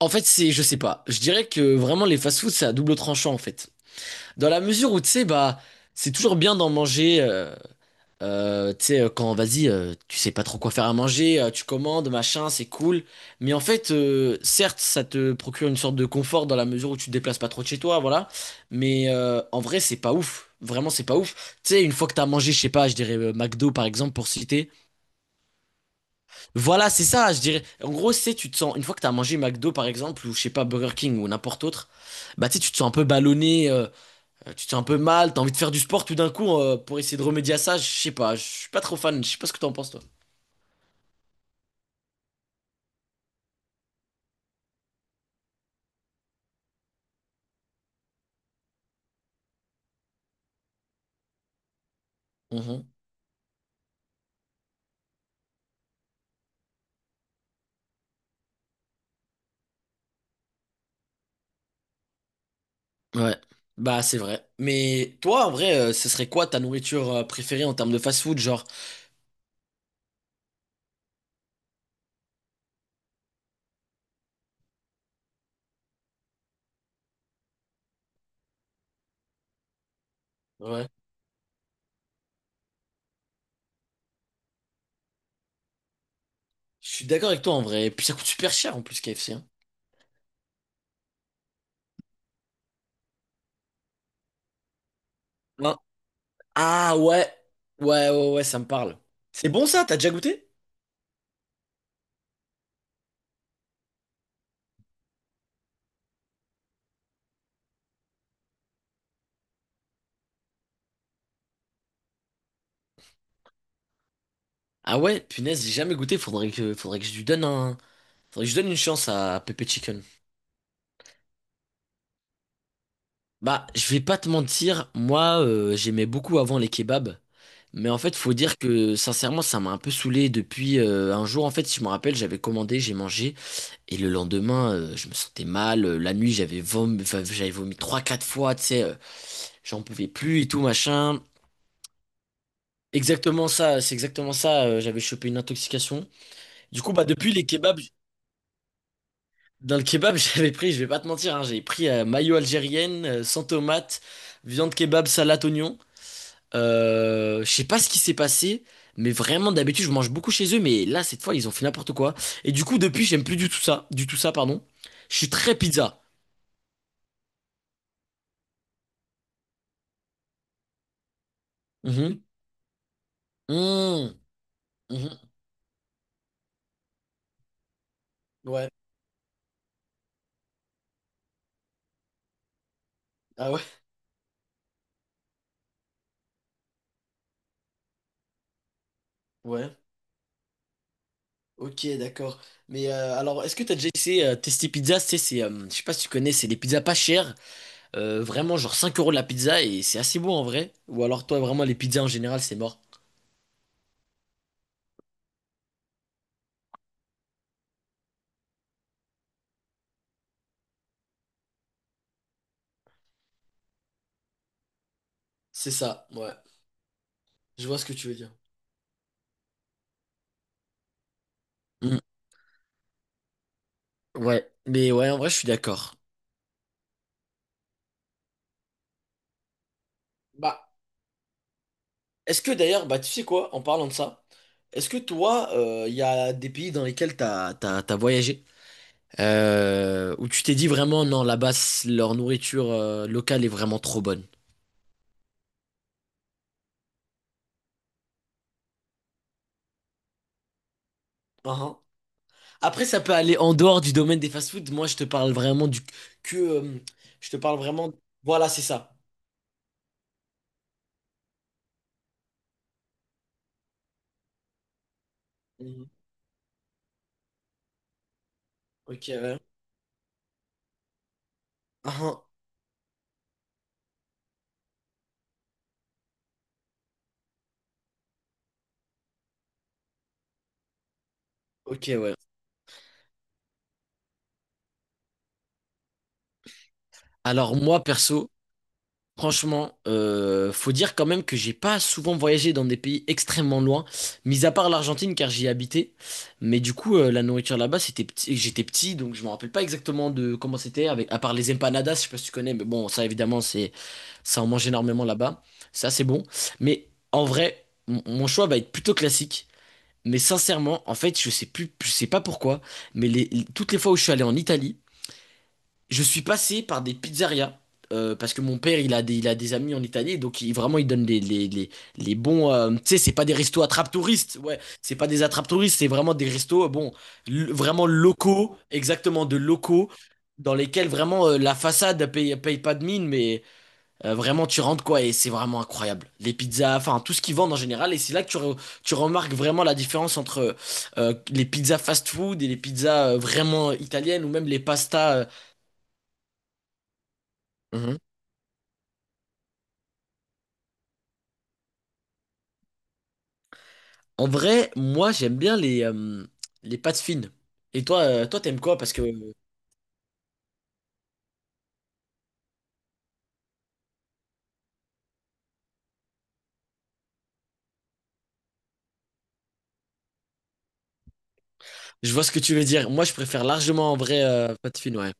En fait, c'est, je sais pas. Je dirais que vraiment les fast foods c'est à double tranchant en fait. Dans la mesure où tu sais, bah, c'est toujours bien d'en manger. Tu sais, quand vas-y, tu sais pas trop quoi faire à manger, tu commandes, machin, c'est cool. Mais en fait, certes, ça te procure une sorte de confort dans la mesure où tu te déplaces pas trop de chez toi, voilà. Mais en vrai, c'est pas ouf. Vraiment, c'est pas ouf. Tu sais, une fois que t'as mangé, je sais pas, je dirais McDo par exemple pour citer. Voilà, c'est ça, je dirais. En gros, c'est tu te sens une fois que t'as mangé McDo par exemple ou je sais pas Burger King ou n'importe autre, bah tu sais, tu te sens un peu ballonné, tu te sens un peu mal, t'as envie de faire du sport tout d'un coup pour essayer de remédier à ça. Je sais pas, je suis pas trop fan. Je sais pas ce que t'en penses toi. Mhm. Ouais, bah c'est vrai. Mais toi, en vrai, ce serait quoi ta nourriture préférée en termes de fast-food, genre? Ouais. Je suis d'accord avec toi en vrai. Et puis ça coûte super cher en plus KFC, hein. Hein. Ah ouais, ouais, ouais, ouais, ça me parle. C'est bon ça, t'as déjà goûté? Ah ouais, punaise, j'ai jamais goûté, faudrait que je lui donne un, faudrait que je donne une chance à Pepe Chicken. Bah, je vais pas te mentir, moi, j'aimais beaucoup avant les kebabs, mais en fait, faut dire que, sincèrement, ça m'a un peu saoulé depuis un jour, en fait, si je me rappelle, j'avais commandé, j'ai mangé, et le lendemain, je me sentais mal, la nuit, j'avais vomi, enfin, j'avais vomi trois, quatre fois, tu sais, j'en pouvais plus et tout, machin. Exactement ça, c'est exactement ça. J'avais chopé une intoxication. Du coup, bah depuis les kebabs, dans le kebab, j'avais pris, je vais pas te mentir, hein, j'avais pris mayo algérienne, sans tomate, viande kebab, salade oignon. Je sais pas ce qui s'est passé, mais vraiment d'habitude je mange beaucoup chez eux, mais là cette fois ils ont fait n'importe quoi. Et du coup depuis j'aime plus du tout ça pardon. Je suis très pizza. Mhm. Mmh. Mhm. Ouais. Ah ouais. Ouais. Ok, d'accord. Mais alors, est-ce que t'as déjà essayé Testi Pizza? Tu sais, c'est, je sais pas si tu connais, c'est des pizzas pas chères, vraiment genre 5 € de la pizza et c'est assez bon en vrai. Ou alors toi, vraiment, les pizzas en général, c'est mort. C'est ça, ouais. Je vois ce que tu veux dire. Mm, ouais, mais ouais, en vrai, je suis d'accord. Bah, est-ce que d'ailleurs, bah tu sais quoi, en parlant de ça, est-ce que toi, il y a des pays dans lesquels t'as voyagé, où tu t'es dit vraiment, non, là-bas, leur nourriture locale est vraiment trop bonne? Après, ça peut aller en dehors du domaine des fast-foods. Moi, je te parle vraiment du que. Je te parle vraiment. Voilà, c'est ça. Mhm. Ok, ouais. Ah, ok, ouais. Alors, moi, perso. Franchement, faut dire quand même que j'ai pas souvent voyagé dans des pays extrêmement loin, mis à part l'Argentine car j'y ai habité. Mais du coup, la nourriture là-bas, c'était petit, j'étais petit, donc je me rappelle pas exactement de comment c'était, avec à part les empanadas, je sais pas si tu connais, mais bon, ça évidemment, c'est ça en mange énormément là-bas. Ça, c'est bon. Mais en vrai, mon choix va être plutôt classique. Mais sincèrement, en fait, je sais plus, je sais pas pourquoi, mais toutes les fois où je suis allé en Italie je suis passé par des pizzerias. Parce que mon père, il a des amis en Italie, donc il, vraiment, il donne les bons. Tu sais, c'est pas des restos attrape-touristes, ouais, c'est pas des attrape-touristes, c'est vraiment des restos, bon, vraiment locaux, exactement de locaux, dans lesquels vraiment la façade paye pas de mine, mais vraiment, tu rentres quoi, et c'est vraiment incroyable. Les pizzas, enfin, tout ce qu'ils vendent en général, et c'est là que tu remarques vraiment la différence entre les pizzas fast-food et les pizzas vraiment italiennes, ou même les pastas. Mhm. En vrai, moi j'aime bien les pâtes fines. Et toi, t'aimes quoi? Parce que je vois ce que tu veux dire. Moi je préfère largement en vrai pâtes fines, ouais.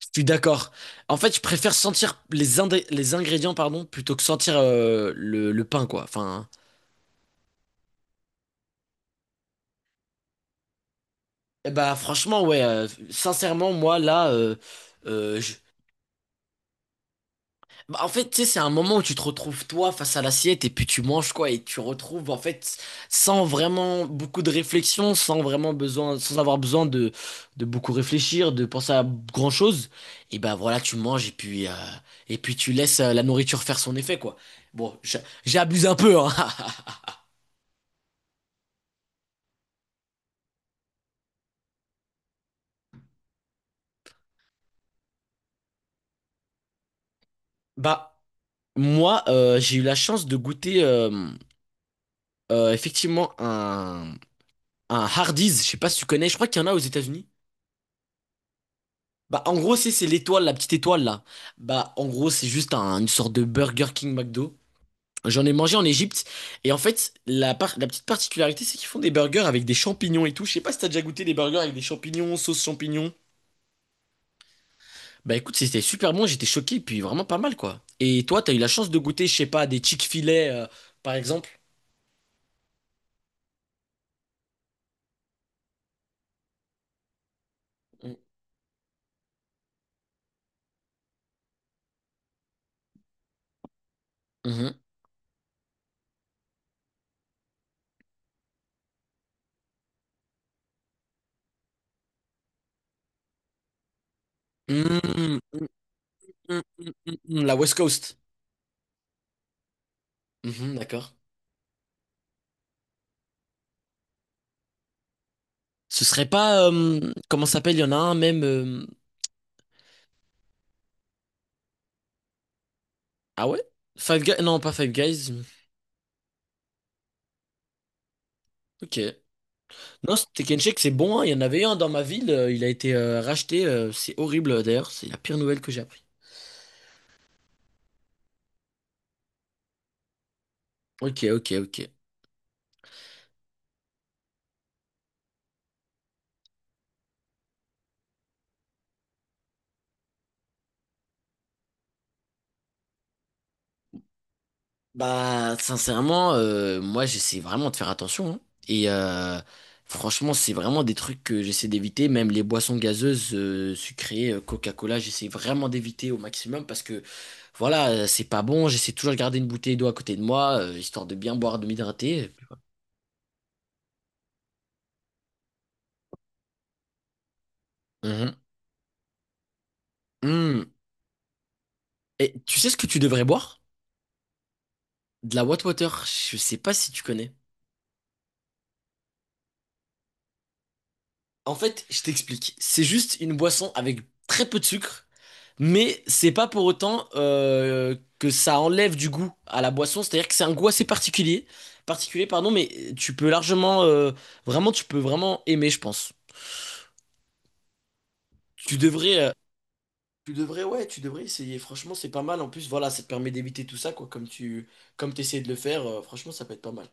Je suis d'accord. En fait, je préfère sentir les ingrédients, pardon, plutôt que sentir le pain, quoi. Enfin, eh bah franchement, ouais. Sincèrement, moi là, euh, bah, en fait, tu sais, c'est un moment où tu te retrouves toi face à l'assiette et puis tu manges quoi et tu retrouves en fait sans vraiment beaucoup de réflexion, sans vraiment besoin, sans avoir besoin de, beaucoup réfléchir, de penser à grand chose. Et ben voilà, tu manges et puis tu laisses la nourriture faire son effet quoi. Bon, j'abuse un peu, hein. Bah moi, j'ai eu la chance de goûter effectivement un Hardee's. Je sais pas si tu connais. Je crois qu'il y en a aux États-Unis. Bah, en gros, c'est l'étoile, la petite étoile là. Bah, en gros, c'est juste une sorte de Burger King McDo. J'en ai mangé en Égypte. Et en fait, la petite particularité, c'est qu'ils font des burgers avec des champignons et tout. Je sais pas si t'as déjà goûté des burgers avec des champignons, sauce champignons. Bah, écoute, c'était super bon. J'étais choqué, puis vraiment pas mal quoi. Et toi, t'as eu la chance de goûter, je sais pas, des Chick-fil-A euh, par exemple? Mhm. Mhm. Mhm. Mhm. La West Coast. Mhm, d'accord. Ce serait pas. Comment ça s'appelle? Il y en a un même. Ah ouais? Five Guys? Non, pas Five Guys. Ok. Non, ce Tekken Shake, c'est bon, hein. Il y en avait un dans ma ville. Il a été racheté. C'est horrible, d'ailleurs. C'est la pire nouvelle que j'ai appris. Ok, ok, ok. Bah, sincèrement, moi, j'essaie vraiment de faire attention, hein. Et franchement, c'est vraiment des trucs que j'essaie d'éviter. Même les boissons gazeuses, sucrées, Coca-Cola, j'essaie vraiment d'éviter au maximum parce que, voilà, c'est pas bon. J'essaie toujours de garder une bouteille d'eau à côté de moi, histoire de bien boire, de m'hydrater. Mhm. Hmm. Et tu sais ce que tu devrais boire? De la Water. Je sais pas si tu connais. En fait, je t'explique. C'est juste une boisson avec très peu de sucre, mais c'est pas pour autant que ça enlève du goût à la boisson. C'est-à-dire que c'est un goût assez particulier, particulier, pardon, mais tu peux largement, vraiment, tu peux vraiment aimer, je pense. Tu devrais, euh, tu devrais, ouais, tu devrais essayer. Franchement, c'est pas mal. En plus, voilà, ça te permet d'éviter tout ça, quoi. Comme t'essayes de le faire, franchement, ça peut être pas mal.